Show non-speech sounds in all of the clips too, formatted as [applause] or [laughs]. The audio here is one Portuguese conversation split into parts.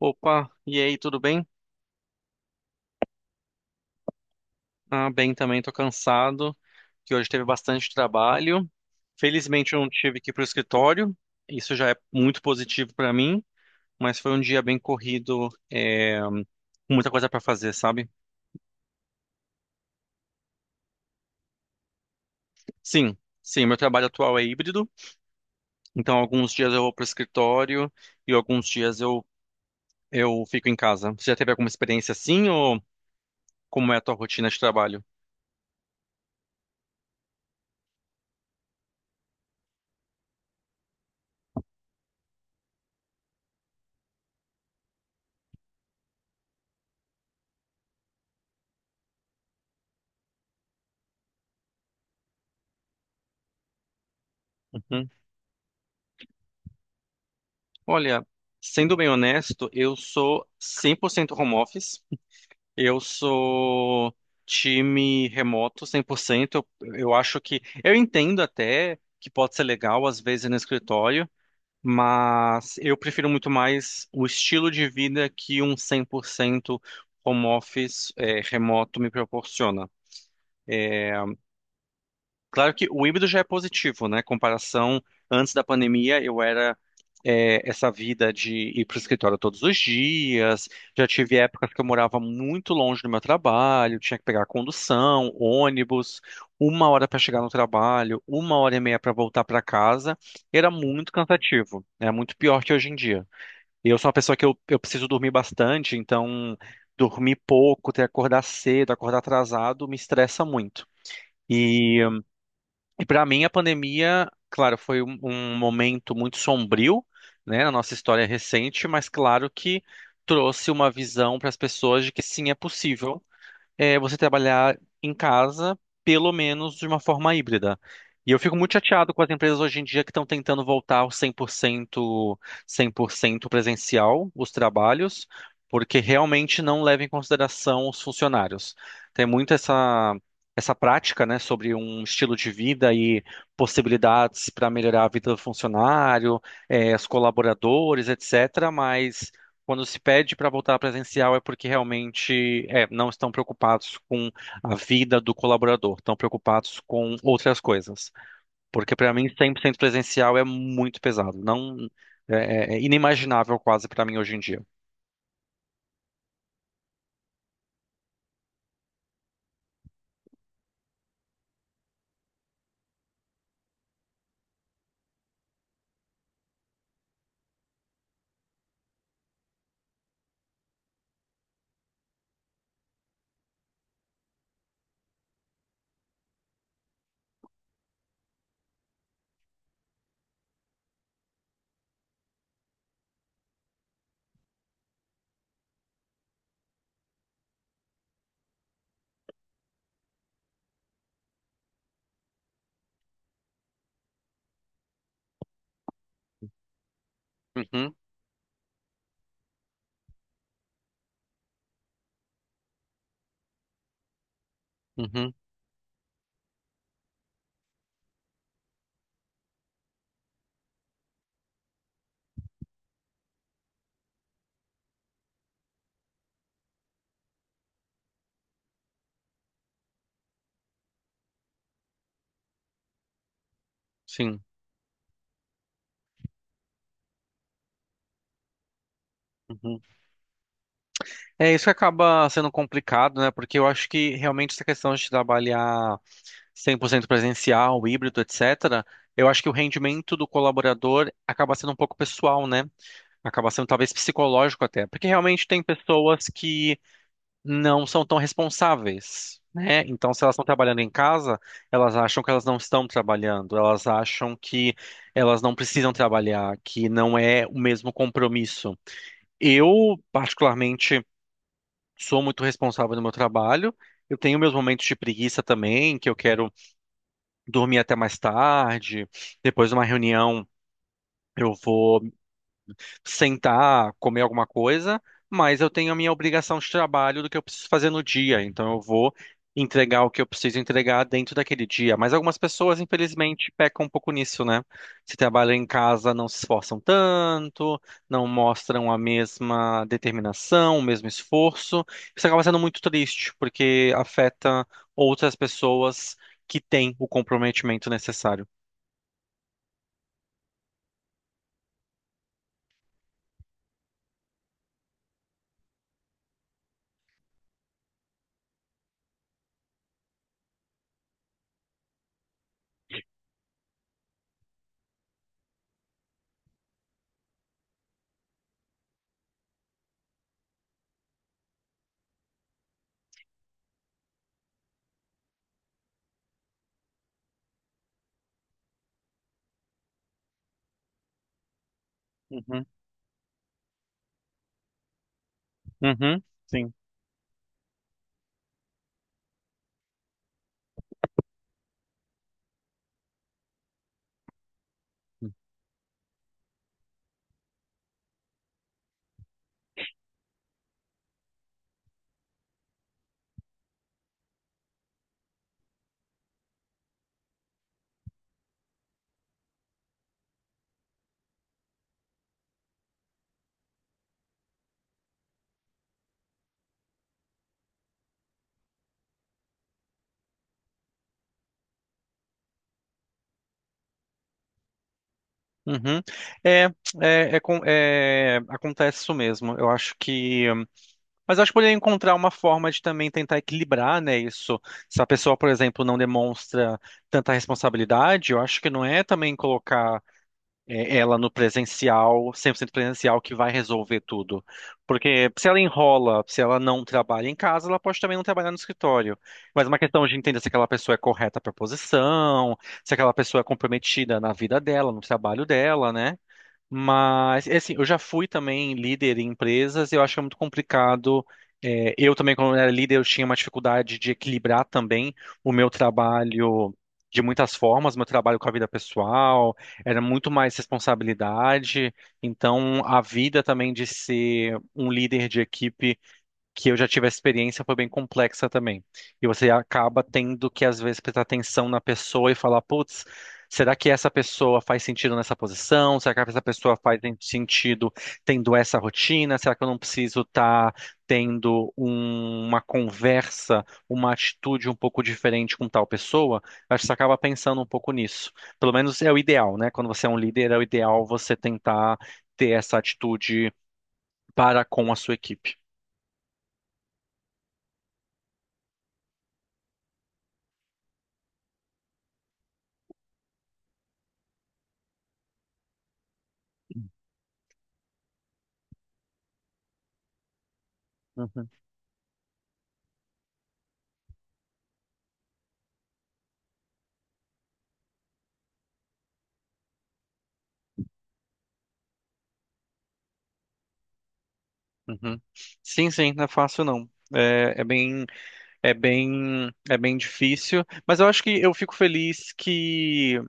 Opa, e aí, tudo bem? Ah, bem também, tô cansado, que hoje teve bastante trabalho. Felizmente eu não tive que ir pro escritório, isso já é muito positivo para mim, mas foi um dia bem corrido, com muita coisa para fazer, sabe? Sim, sim, meu trabalho atual é híbrido, então alguns dias eu vou pro escritório e alguns dias eu fico em casa. Você já teve alguma experiência assim ou como é a tua rotina de trabalho? Uhum. Olha, sendo bem honesto, eu sou 100% home office. Eu sou time remoto 100%. Eu acho que. Eu entendo até que pode ser legal, às vezes, no escritório, mas eu prefiro muito mais o estilo de vida que um 100% home office, remoto me proporciona. Claro que o híbrido já é positivo, né? Comparação, antes da pandemia, eu era essa vida de ir para o escritório todos os dias. Já tive épocas que eu morava muito longe do meu trabalho, tinha que pegar condução, ônibus, uma hora para chegar no trabalho, uma hora e meia para voltar para casa. Era muito cansativo, é muito pior que hoje em dia. E eu sou uma pessoa que eu preciso dormir bastante, então dormir pouco, ter que acordar cedo, acordar atrasado, me estressa muito. E e para mim, a pandemia, claro, foi um momento muito sombrio, né, na nossa história recente, mas claro que trouxe uma visão para as pessoas de que sim, é possível você trabalhar em casa, pelo menos de uma forma híbrida. E eu fico muito chateado com as empresas hoje em dia que estão tentando voltar ao 100% presencial, os trabalhos, porque realmente não levam em consideração os funcionários. Tem muito essa prática, né, sobre um estilo de vida e possibilidades para melhorar a vida do funcionário, os colaboradores, etc. Mas quando se pede para voltar presencial é porque realmente não estão preocupados com a vida do colaborador, estão preocupados com outras coisas. Porque para mim 100% presencial é muito pesado, não é, é inimaginável quase para mim hoje em dia. Uhum, uhum, sim. Uhum. É isso que acaba sendo complicado, né? Porque eu acho que realmente essa questão de trabalhar 100% presencial, híbrido, etc., eu acho que o rendimento do colaborador acaba sendo um pouco pessoal, né? Acaba sendo talvez psicológico até, porque realmente tem pessoas que não são tão responsáveis, né? Então, se elas estão trabalhando em casa, elas acham que elas não estão trabalhando, elas acham que elas não precisam trabalhar, que não é o mesmo compromisso. Eu, particularmente, sou muito responsável no meu trabalho. Eu tenho meus momentos de preguiça também, que eu quero dormir até mais tarde, depois de uma reunião. Eu vou sentar, comer alguma coisa, mas eu tenho a minha obrigação de trabalho do que eu preciso fazer no dia, então eu vou entregar o que eu preciso entregar dentro daquele dia. Mas algumas pessoas, infelizmente, pecam um pouco nisso, né? Se trabalham em casa, não se esforçam tanto, não mostram a mesma determinação, o mesmo esforço. Isso acaba sendo muito triste, porque afeta outras pessoas que têm o comprometimento necessário. Uhum, uhum, sim. Uhum. É, é, acontece isso mesmo. Eu acho que. Mas eu acho que poderia encontrar uma forma de também tentar equilibrar, né, isso. Se a pessoa, por exemplo, não demonstra tanta responsabilidade, eu acho que não é também colocar ela no presencial, 100% presencial, que vai resolver tudo. Porque se ela enrola, se ela não trabalha em casa, ela pode também não trabalhar no escritório. Mas é uma questão de entender se aquela pessoa é correta para a posição, se aquela pessoa é comprometida na vida dela, no trabalho dela, né? Mas, é assim, eu já fui também líder em empresas, e eu acho que é muito complicado. É, eu também, quando era líder, eu tinha uma dificuldade de equilibrar também o meu trabalho de muitas formas, meu trabalho com a vida pessoal, era muito mais responsabilidade. Então, a vida também de ser um líder de equipe que eu já tive a experiência foi bem complexa também. E você acaba tendo que, às vezes, prestar atenção na pessoa e falar, putz, será que essa pessoa faz sentido nessa posição? Será que essa pessoa faz sentido tendo essa rotina? Será que eu não preciso estar tendo uma conversa, uma atitude um pouco diferente com tal pessoa? Acho que você acaba pensando um pouco nisso. Pelo menos é o ideal, né? Quando você é um líder, é o ideal você tentar ter essa atitude para com a sua equipe. Uhum. Sim, sim, não é fácil não. É, é bem difícil, mas eu acho que eu fico feliz que,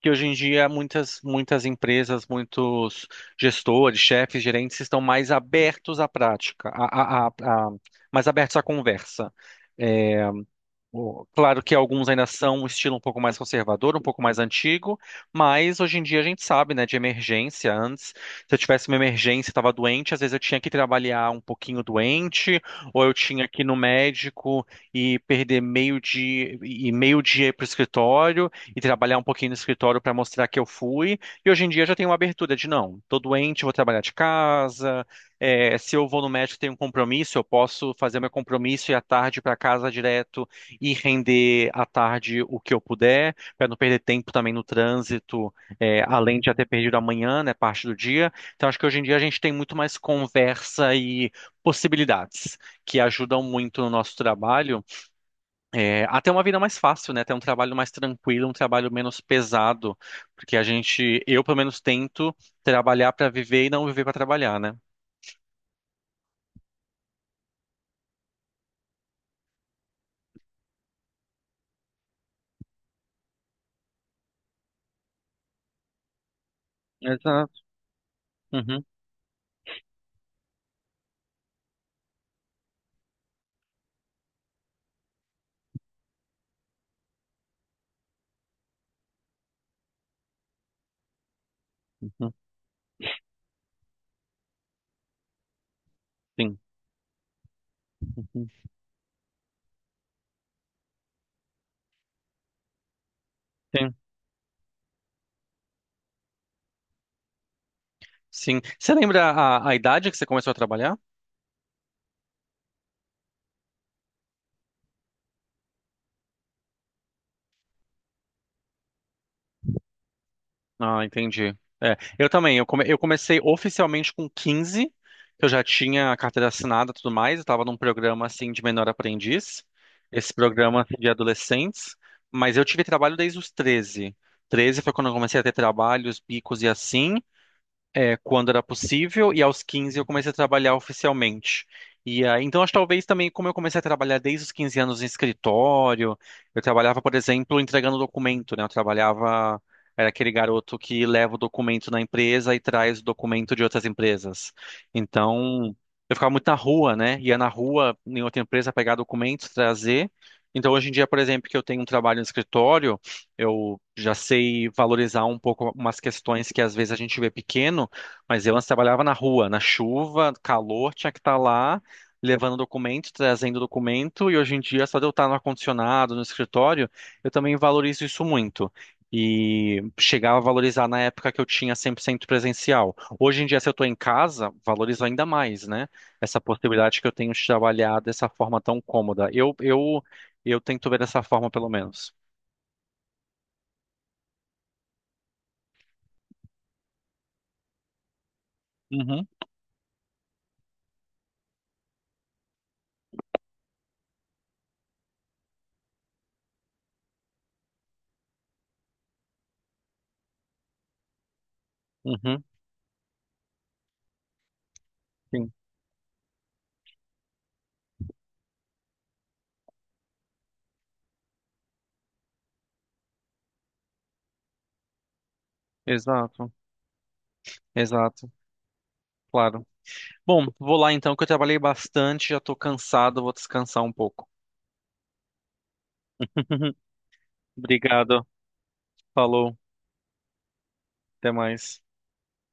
que hoje em dia muitas, muitas empresas, muitos gestores, chefes, gerentes estão mais abertos à prática, mais abertos à conversa. Claro que alguns ainda são um estilo um pouco mais conservador, um pouco mais antigo, mas hoje em dia a gente sabe, né, de emergência. Antes, se eu tivesse uma emergência, estava doente, às vezes eu tinha que trabalhar um pouquinho doente, ou eu tinha que ir no médico e perder meio dia e meio dia para o escritório e trabalhar um pouquinho no escritório para mostrar que eu fui. E hoje em dia já tem uma abertura de não, tô doente, vou trabalhar de casa. Se eu vou no médico, e tenho um compromisso, eu posso fazer meu compromisso e ir à tarde para casa direto e render à tarde o que eu puder, para não perder tempo também no trânsito, além de já ter perdido amanhã, né, parte do dia. Então, acho que hoje em dia a gente tem muito mais conversa e possibilidades que ajudam muito no nosso trabalho, até uma vida mais fácil, né, até um trabalho mais tranquilo, um trabalho menos pesado, porque a gente, eu pelo menos tento trabalhar para viver e não viver para trabalhar, né? Exato. Uhum, uhum, sim, uhum, sim, sim. Você lembra a idade que você começou a trabalhar? Ah, entendi. É, eu também. Eu comecei oficialmente com 15. Eu já tinha a carteira assinada e tudo mais. Eu estava num programa assim de menor aprendiz, esse programa assim, de adolescentes. Mas eu tive trabalho desde os 13. 13 foi quando eu comecei a ter trabalhos, bicos e assim, quando era possível, e aos 15 eu comecei a trabalhar oficialmente. E aí, então, acho que talvez também, como eu comecei a trabalhar desde os 15 anos em escritório, eu trabalhava, por exemplo, entregando documento, né? Eu trabalhava, era aquele garoto que leva o documento na empresa e traz o documento de outras empresas. Então, eu ficava muito na rua, né? Ia na rua, em outra empresa, pegar documentos, trazer. Então, hoje em dia, por exemplo, que eu tenho um trabalho no escritório, eu já sei valorizar um pouco umas questões que às vezes a gente vê pequeno, mas eu antes trabalhava na rua, na chuva, calor, tinha que estar lá levando documento, trazendo documento, e hoje em dia, só de eu estar no ar-condicionado, no escritório, eu também valorizo isso muito. E chegava a valorizar na época que eu tinha 100% presencial. Hoje em dia, se eu estou em casa, valorizo ainda mais, né? Essa possibilidade que eu tenho de trabalhar dessa forma tão cômoda. Eu tento ver dessa forma, pelo menos. Uhum, uhum, sim, exato, exato, claro. Bom, vou lá então, que eu trabalhei bastante, já tô cansado, vou descansar um pouco. [laughs] Obrigado. Falou, até mais.